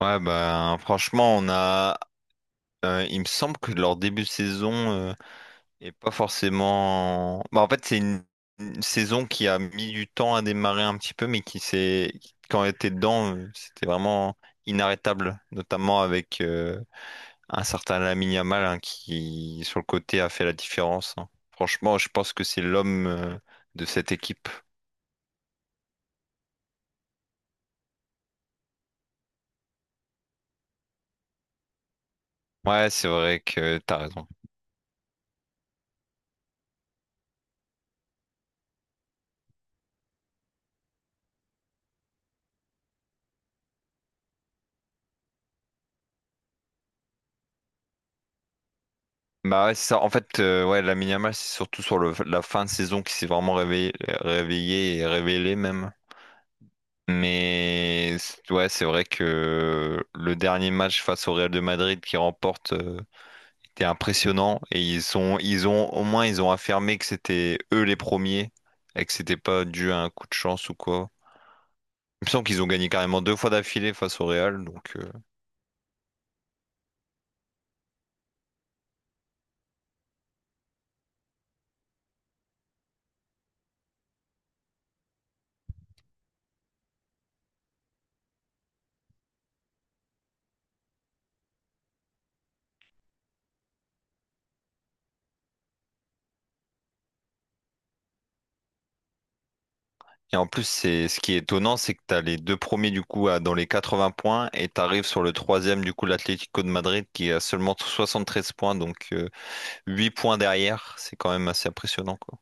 Ouais, ben franchement, on a. Il me semble que leur début de saison est pas forcément. Bah, en fait, c'est une saison qui a mis du temps à démarrer un petit peu, mais qui s'est. quand elle était dedans, c'était vraiment inarrêtable, notamment avec un certain Lamine Yamal, hein, qui, sur le côté, a fait la différence, hein. Franchement, je pense que c'est l'homme de cette équipe. Ouais, c'est vrai que t'as raison. Bah ouais, c'est ça. En fait, ouais, la Yamal, c'est surtout sur le, la fin de saison qui s'est vraiment réveillé et révélé même. Mais ouais, c'est vrai que le dernier match face au Real de Madrid qui remporte était impressionnant, et ils ont au moins ils ont affirmé que c'était eux les premiers et que c'était pas dû à un coup de chance ou quoi. Il me semble qu'ils ont gagné carrément deux fois d'affilée face au Real, donc. Et en plus, c'est ce qui est étonnant, c'est que tu as les deux premiers du coup dans les 80 points, et tu arrives sur le troisième du coup l'Atlético de Madrid qui a seulement 73 points, donc 8 points derrière. C'est quand même assez impressionnant, quoi.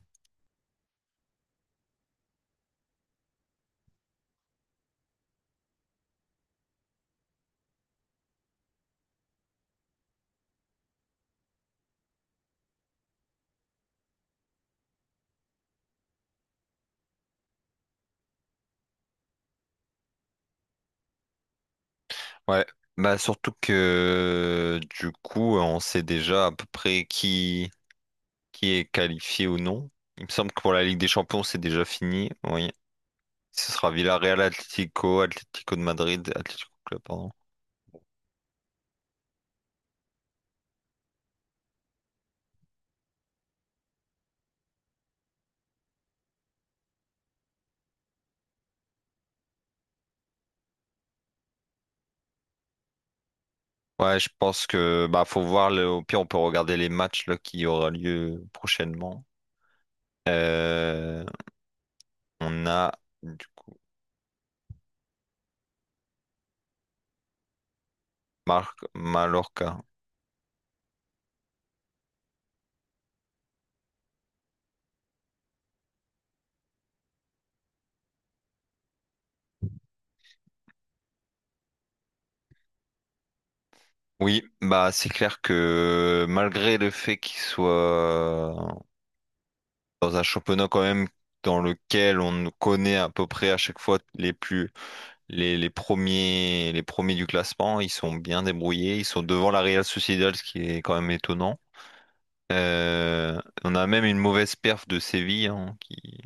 Ouais, bah surtout que du coup on sait déjà à peu près qui est qualifié ou non. Il me semble que pour la Ligue des Champions c'est déjà fini. Oui. Ce sera Villarreal, Atlético, Atlético de Madrid, Atlético Club, pardon. Ouais, je pense que bah faut voir le, au pire on peut regarder les matchs là, qui aura lieu prochainement. Euh, on a du coup Marc Mallorca. Oui, bah c'est clair que malgré le fait qu'il soit dans un championnat quand même dans lequel on connaît à peu près à chaque fois les plus les premiers du classement, ils sont bien débrouillés, ils sont devant la Real Sociedad, ce qui est quand même étonnant. On a même une mauvaise perf de Séville, hein, qui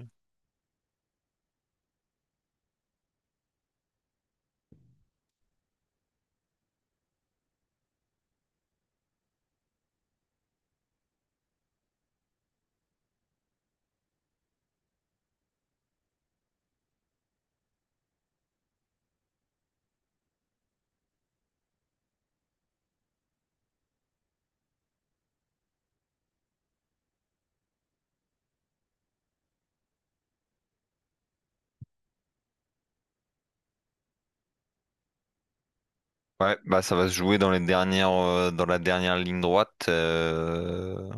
ouais bah ça va se jouer dans les dernières dans la dernière ligne droite. Euh,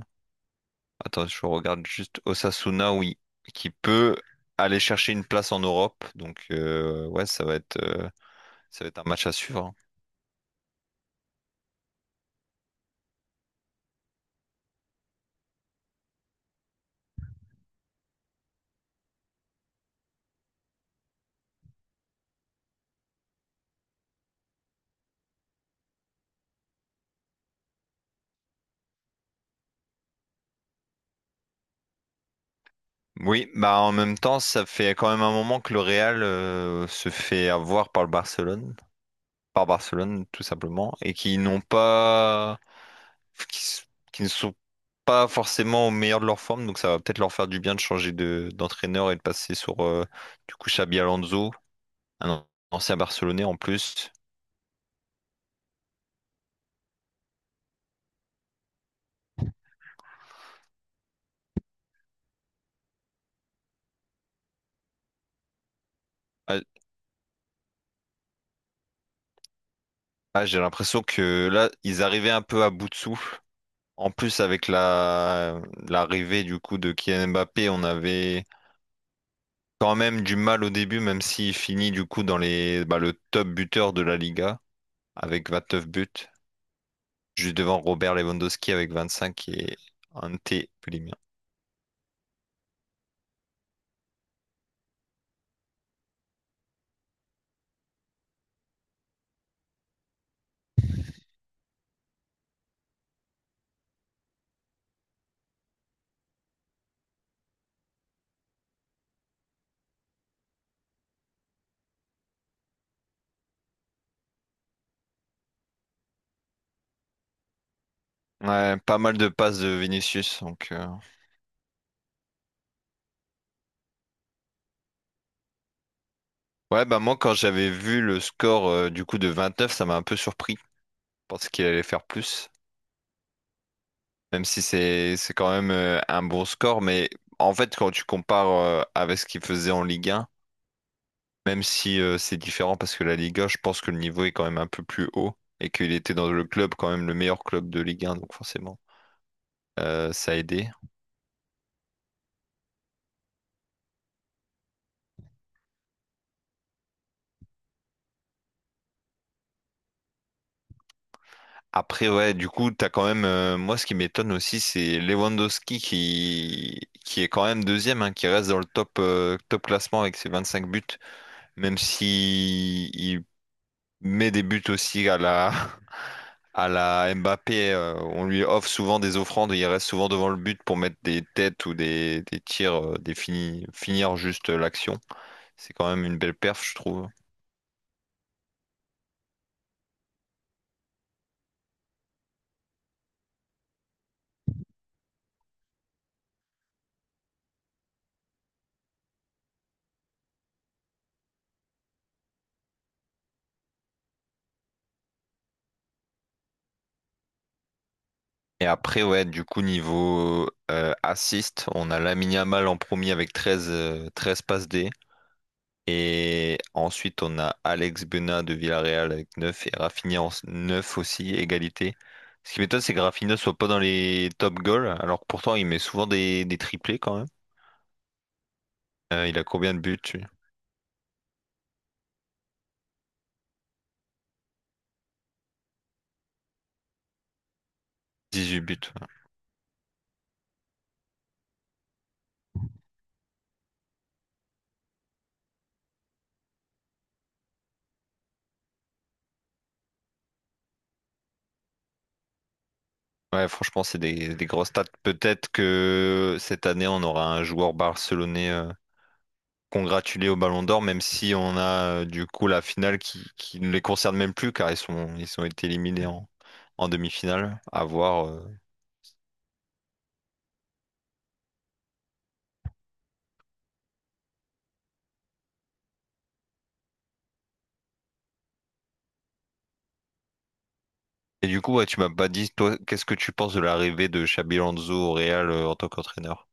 attends, je regarde juste Osasuna, oui, qui peut aller chercher une place en Europe. Donc, ouais, ça va être un match à suivre, hein. Oui, bah en même temps, ça fait quand même un moment que le Real se fait avoir par Barcelone tout simplement, et qui n'ont pas, qui, s- qui ne sont pas forcément au meilleur de leur forme. Donc ça va peut-être leur faire du bien de changer de d'entraîneur et de passer sur du coup Xabi Alonso, un ancien Barcelonais en plus. Euh, Ah, j'ai l'impression que là, ils arrivaient un peu à bout de souffle. En plus, avec la l'arrivée du coup de Kylian Mbappé, on avait quand même du mal au début, même s'il finit du coup le top buteur de la Liga avec 29 buts, juste devant Robert Lewandowski avec 25, et Ante Pellegrini. Ouais, pas mal de passes de Vinicius. Donc. Ouais, bah moi quand j'avais vu le score du coup de 29, ça m'a un peu surpris. Je pensais qu'il allait faire plus. Même si c'est quand même un bon score, mais en fait, quand tu compares avec ce qu'il faisait en Ligue 1, même si c'est différent parce que la Ligue 1, je pense que le niveau est quand même un peu plus haut et qu'il était dans le club, quand même le meilleur club de Ligue 1, donc forcément, ça a aidé. Après, ouais, du coup, t'as quand même, moi, ce qui m'étonne aussi, c'est Lewandowski qui est quand même deuxième, hein, qui reste dans le top classement avec ses 25 buts, même si il met des buts aussi à la Mbappé, on lui offre souvent des offrandes, et il reste souvent devant le but pour mettre des têtes ou des tirs, finir juste l'action. C'est quand même une belle perf, je trouve. Et après, ouais, du coup, niveau assist, on a Lamine Yamal en premier avec 13 13 passes D. Et ensuite, on a Alex Bena de Villarreal avec 9 et Rafinha en 9 aussi, égalité. Ce qui m'étonne, c'est que Rafinha soit pas dans les top goals, alors que pourtant, il met souvent des triplés quand même. Il a combien de buts? 18 buts. Ouais. Ouais, franchement, c'est des grosses stats. Peut-être que cette année, on aura un joueur barcelonais congratulé au Ballon d'Or, même si on a du coup la finale qui ne les concerne même plus, car ils ont été éliminés en demi-finale. À voir. Et du coup, ouais, tu m'as pas dit, toi, qu'est-ce que tu penses de l'arrivée de Xabi Alonso au Real en tant qu'entraîneur?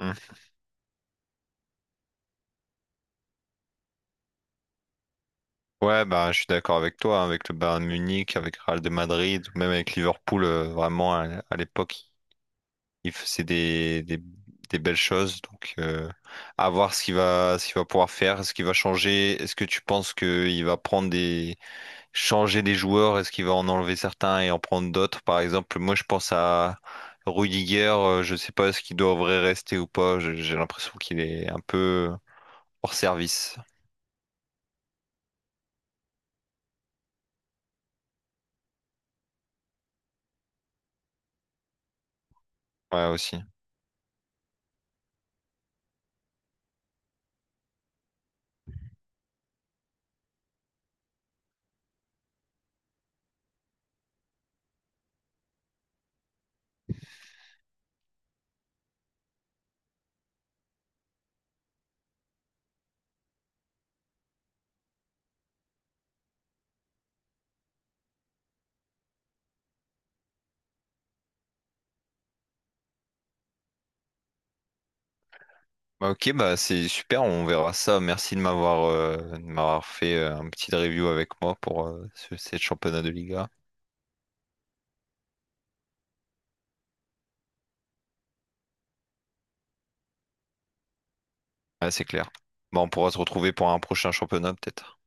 Hmm. Ouais, bah, je suis d'accord avec toi, hein, avec le Bayern de Munich, avec Real de Madrid, ou même avec Liverpool, vraiment à l'époque. C'est des belles choses. Donc, à voir ce qu'il va pouvoir faire, ce qu'il va changer. Est-ce que tu penses qu'il va changer des joueurs? Est-ce qu'il va en enlever certains et en prendre d'autres? Par exemple, moi, je pense à Rudiger. Je sais pas ce qu'il devrait rester ou pas. J'ai l'impression qu'il est un peu hors service. Ouais, aussi. Bah, ok, bah c'est super, on verra ça. Merci de m'avoir fait un petit review avec moi pour cette championnat de Liga. Ouais, c'est clair. Bon, on pourra se retrouver pour un prochain championnat, peut-être.